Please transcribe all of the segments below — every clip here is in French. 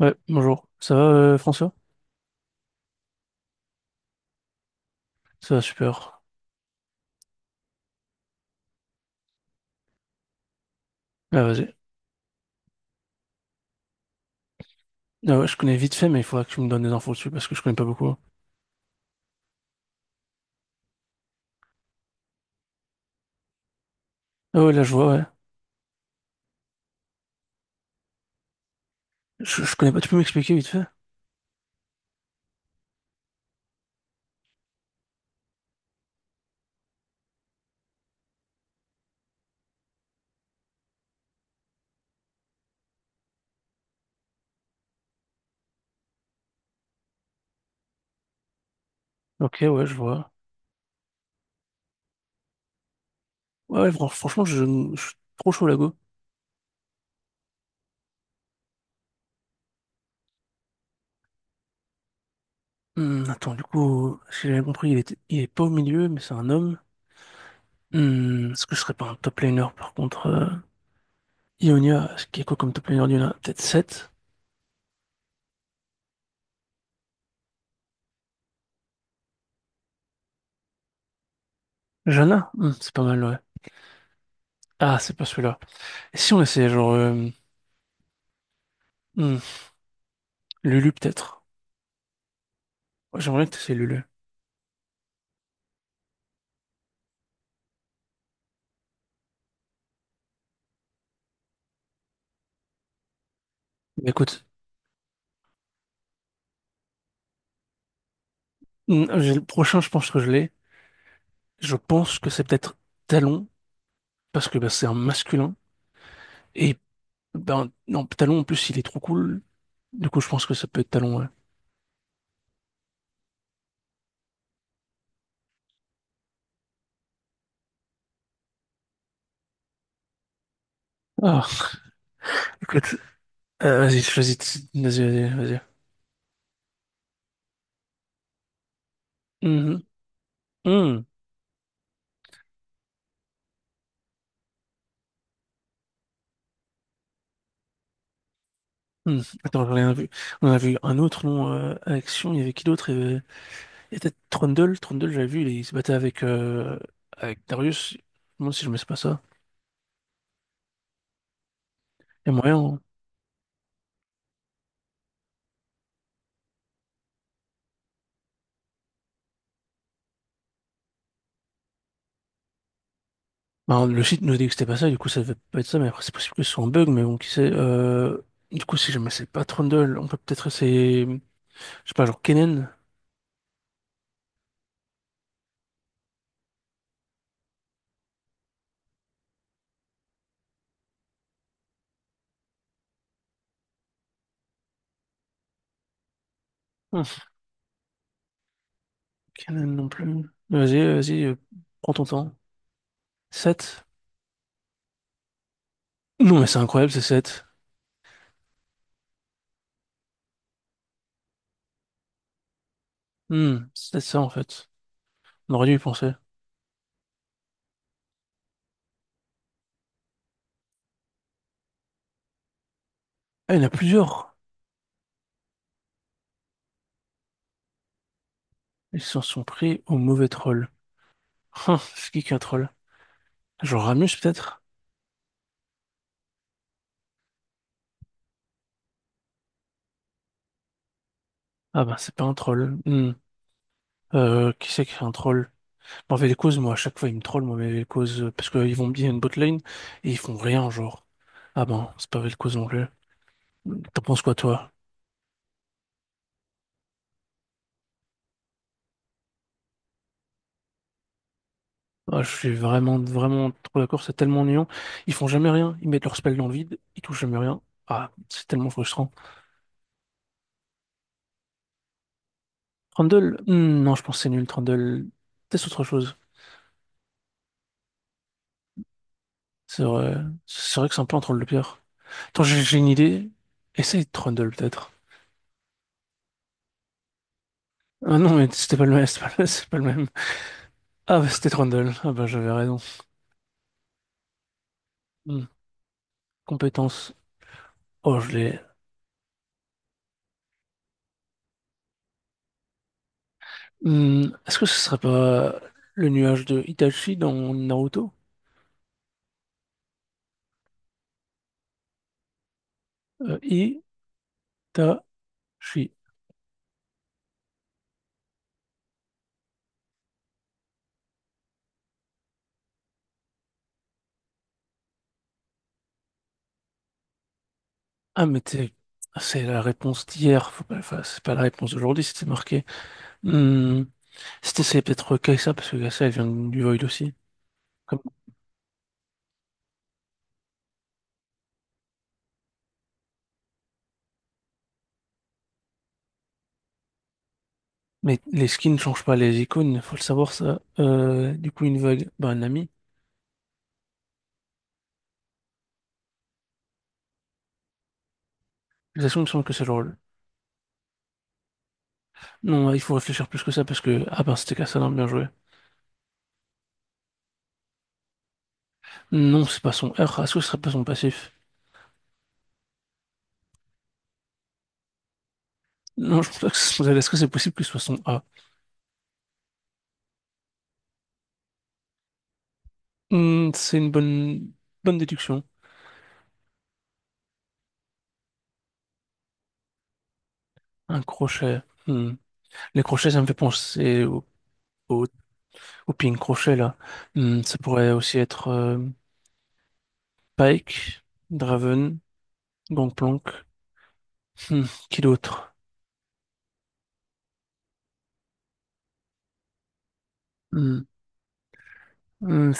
Ouais, bonjour. Ça va, François? Ça va super. Ah, vas-y. Ah ouais, je connais vite fait, mais il faudra que tu me donnes des infos dessus parce que je connais pas beaucoup. Ah ouais, là, je vois, ouais. Je connais pas, tu peux m'expliquer vite fait? Ok, ouais, je vois. Ouais, ouais, franchement, je suis trop chaud, là, go. Hmm, attends, du coup, si j'ai bien compris, il est pas au milieu, mais c'est un homme. Hmm, est-ce que je serais pas un top laner, par contre? Ionia, est-ce qu'il y a quoi comme top laner d'Ionia? Peut-être 7? Jana? Hmm, c'est pas mal, ouais. Ah, c'est pas celui-là. Et si on essayait, genre, hmm, Lulu, peut-être? Ouais, j'aimerais bien tes Lulu. Mais écoute, j'ai le prochain, je pense que je l'ai. Je pense que c'est peut-être Talon, parce que bah, c'est un masculin. Et ben non, Talon en plus, il est trop cool. Du coup, je pense que ça peut être Talon, ouais. Ah, écoute, vas-y, choisis, vas-y, vas-y, vas-y. Mhm. Mhm. Mhm. Attends, j'en ai un vu. On en a vu un autre nom action, il y avait qui d'autre? Il y a peut-être Trundle, j'avais vu, il se battait avec Darius. Je me demande si je mets pas ça. Il y a moyen, hein. Ben, le site nous dit que c'était pas ça, du coup ça devait pas être ça, mais après c'est possible que ce soit un bug, mais bon, qui sait. Du coup, si jamais c'est pas Trundle, on peut peut-être essayer, je sais pas, genre Kennen. Hum, Kennen non plus. Mais vas-y, vas-y, prends ton temps. Sept. Non, mais c'est incroyable, c'est 7. C'est peut-être ça en fait. On aurait dû y penser. Ah, il y en a plusieurs. Ils s'en sont pris au mauvais troll. C'est qui est un troll? Genre Ramus peut-être? Ah ben, c'est pas un troll. Hum. Qui c'est qui est un troll? Mauvais causes, moi, à chaque fois, ils me trollent, moi mauvais causes, parce qu'ils vont me dire une botlane et ils font rien, genre. Ah ben, c'est pas mauvais cause non plus. T'en penses quoi, toi? Ah, je suis vraiment, vraiment trop d'accord, c'est tellement ennuyant. Ils font jamais rien, ils mettent leur spell dans le vide, ils touchent jamais rien. Ah, c'est tellement frustrant. Trundle, non, je pense que c'est nul, Trundle. Teste autre chose. C'est vrai, c'est vrai que c'est un peu un troll de pierre. Attends, j'ai une idée. Essaye Trundle, peut-être. Ah non, mais c'était pas le même, c'est pas le même. Ah bah c'était Trundle. Ah bah j'avais raison. Hmm. Compétence. Oh, je l'ai. Hmm, est-ce que ce serait pas le nuage de Itachi dans Naruto? Itachi. Ah, mais c'est la réponse d'hier. Faut pas, enfin, c'est pas la réponse d'aujourd'hui, c'était marqué. Hmm, c'est peut-être Kai'Sa, parce que Kai'Sa, elle vient du Void aussi. Comme- Mais les skins ne changent pas les icônes, faut le savoir ça. Du coup, une vague, bah, un ami. Les actions il me semble que c'est le rôle. Non, il faut réfléchir plus que ça, parce que. Ah, ben, c'était Kai'Sa, bien joué. Non, c'est pas son R. Est-ce que ce serait pas son passif? Non, je pense que ce serait- est-ce que c'est possible que ce soit son A? Hmm, c'est une bonne, bonne déduction. Un crochet. Hmm. Les crochets, ça me fait penser au, au ping crochet, là. Hmm, ça pourrait aussi être Pike, Draven, Gangplank. Hmm, qui d'autre? Hmm, hmm,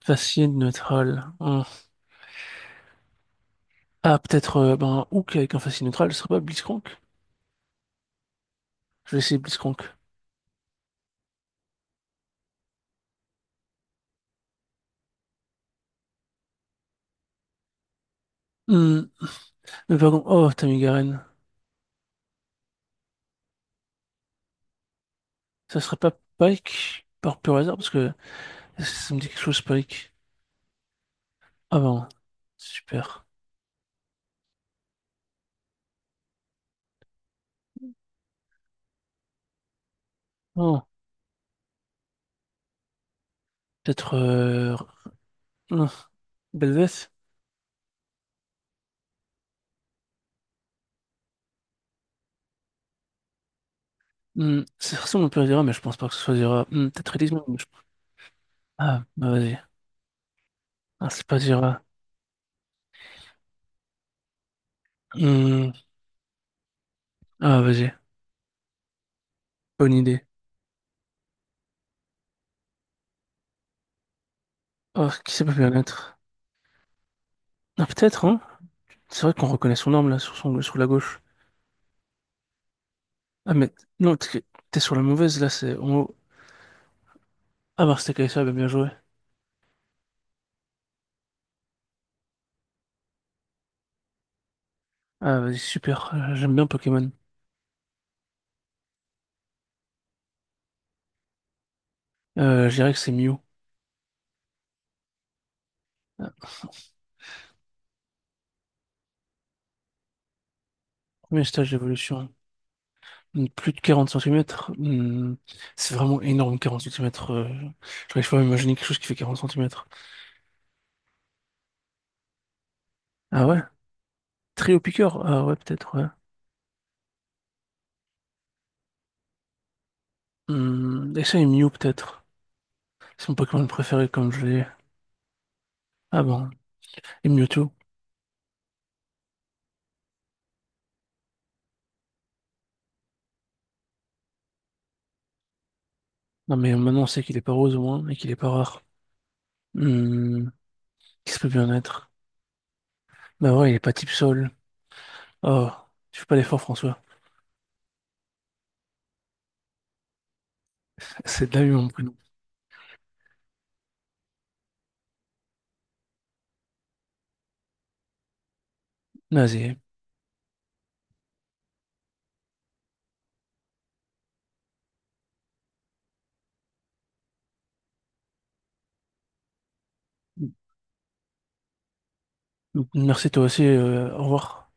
Facile, neutral. Hmm. Ah, peut-être ben, Hook avec un facile neutral, ce serait pas Blitzcrank? Je vais essayer Blitzcrank. Hmm, Mais par contre, oh, Tamigaren. Ça serait pas Pike par pur hasard, parce que. Est-ce que ça me dit quelque chose, Spike. Ah ben, super. Oh, peut-être, hmm, Belveth? Hmm, c'est ressemble un peu à Zera, mais je pense pas que ce soit Zera. Hmm, peut-être Elysium. Ah, bah vas-y. Ah, c'est pas Zera. Hmm, Ah, vas-y. Bonne idée. Oh, qui ça peut bien être? Ah, peut-être, hein? C'est vrai qu'on reconnaît son arme, là, sur la gauche. Ah, mais. Non, t'es sur la mauvaise, là, c'est en haut. Ah, bah, c'était KSA, bah, bien joué. Ah, vas-y, super. J'aime bien Pokémon. Je dirais que c'est Mew. Ah, premier stage d'évolution. Plus de 40 centimètres, c'est vraiment énorme. 40 centimètres. J'arrive pas à imaginer quelque chose qui fait 40 centimètres. Ah ouais? Très au piqueur? Ah ouais, peut-être, ouais. Hmm, et ça, est Mew, peut-être. C'est mon Pokémon préféré, comme je l'ai. Ah bon, et Mewtwo. Non, mais maintenant, on sait qu'il est pas rose, au moins, et qu'il est pas rare. Hmm, qu'est-ce que peut bien être? Bah ouais, il est pas type sol. Oh, je fais pas l'effort, François. C'est de la vie, mon prénom. Vas-y. Merci, toi aussi. Au revoir.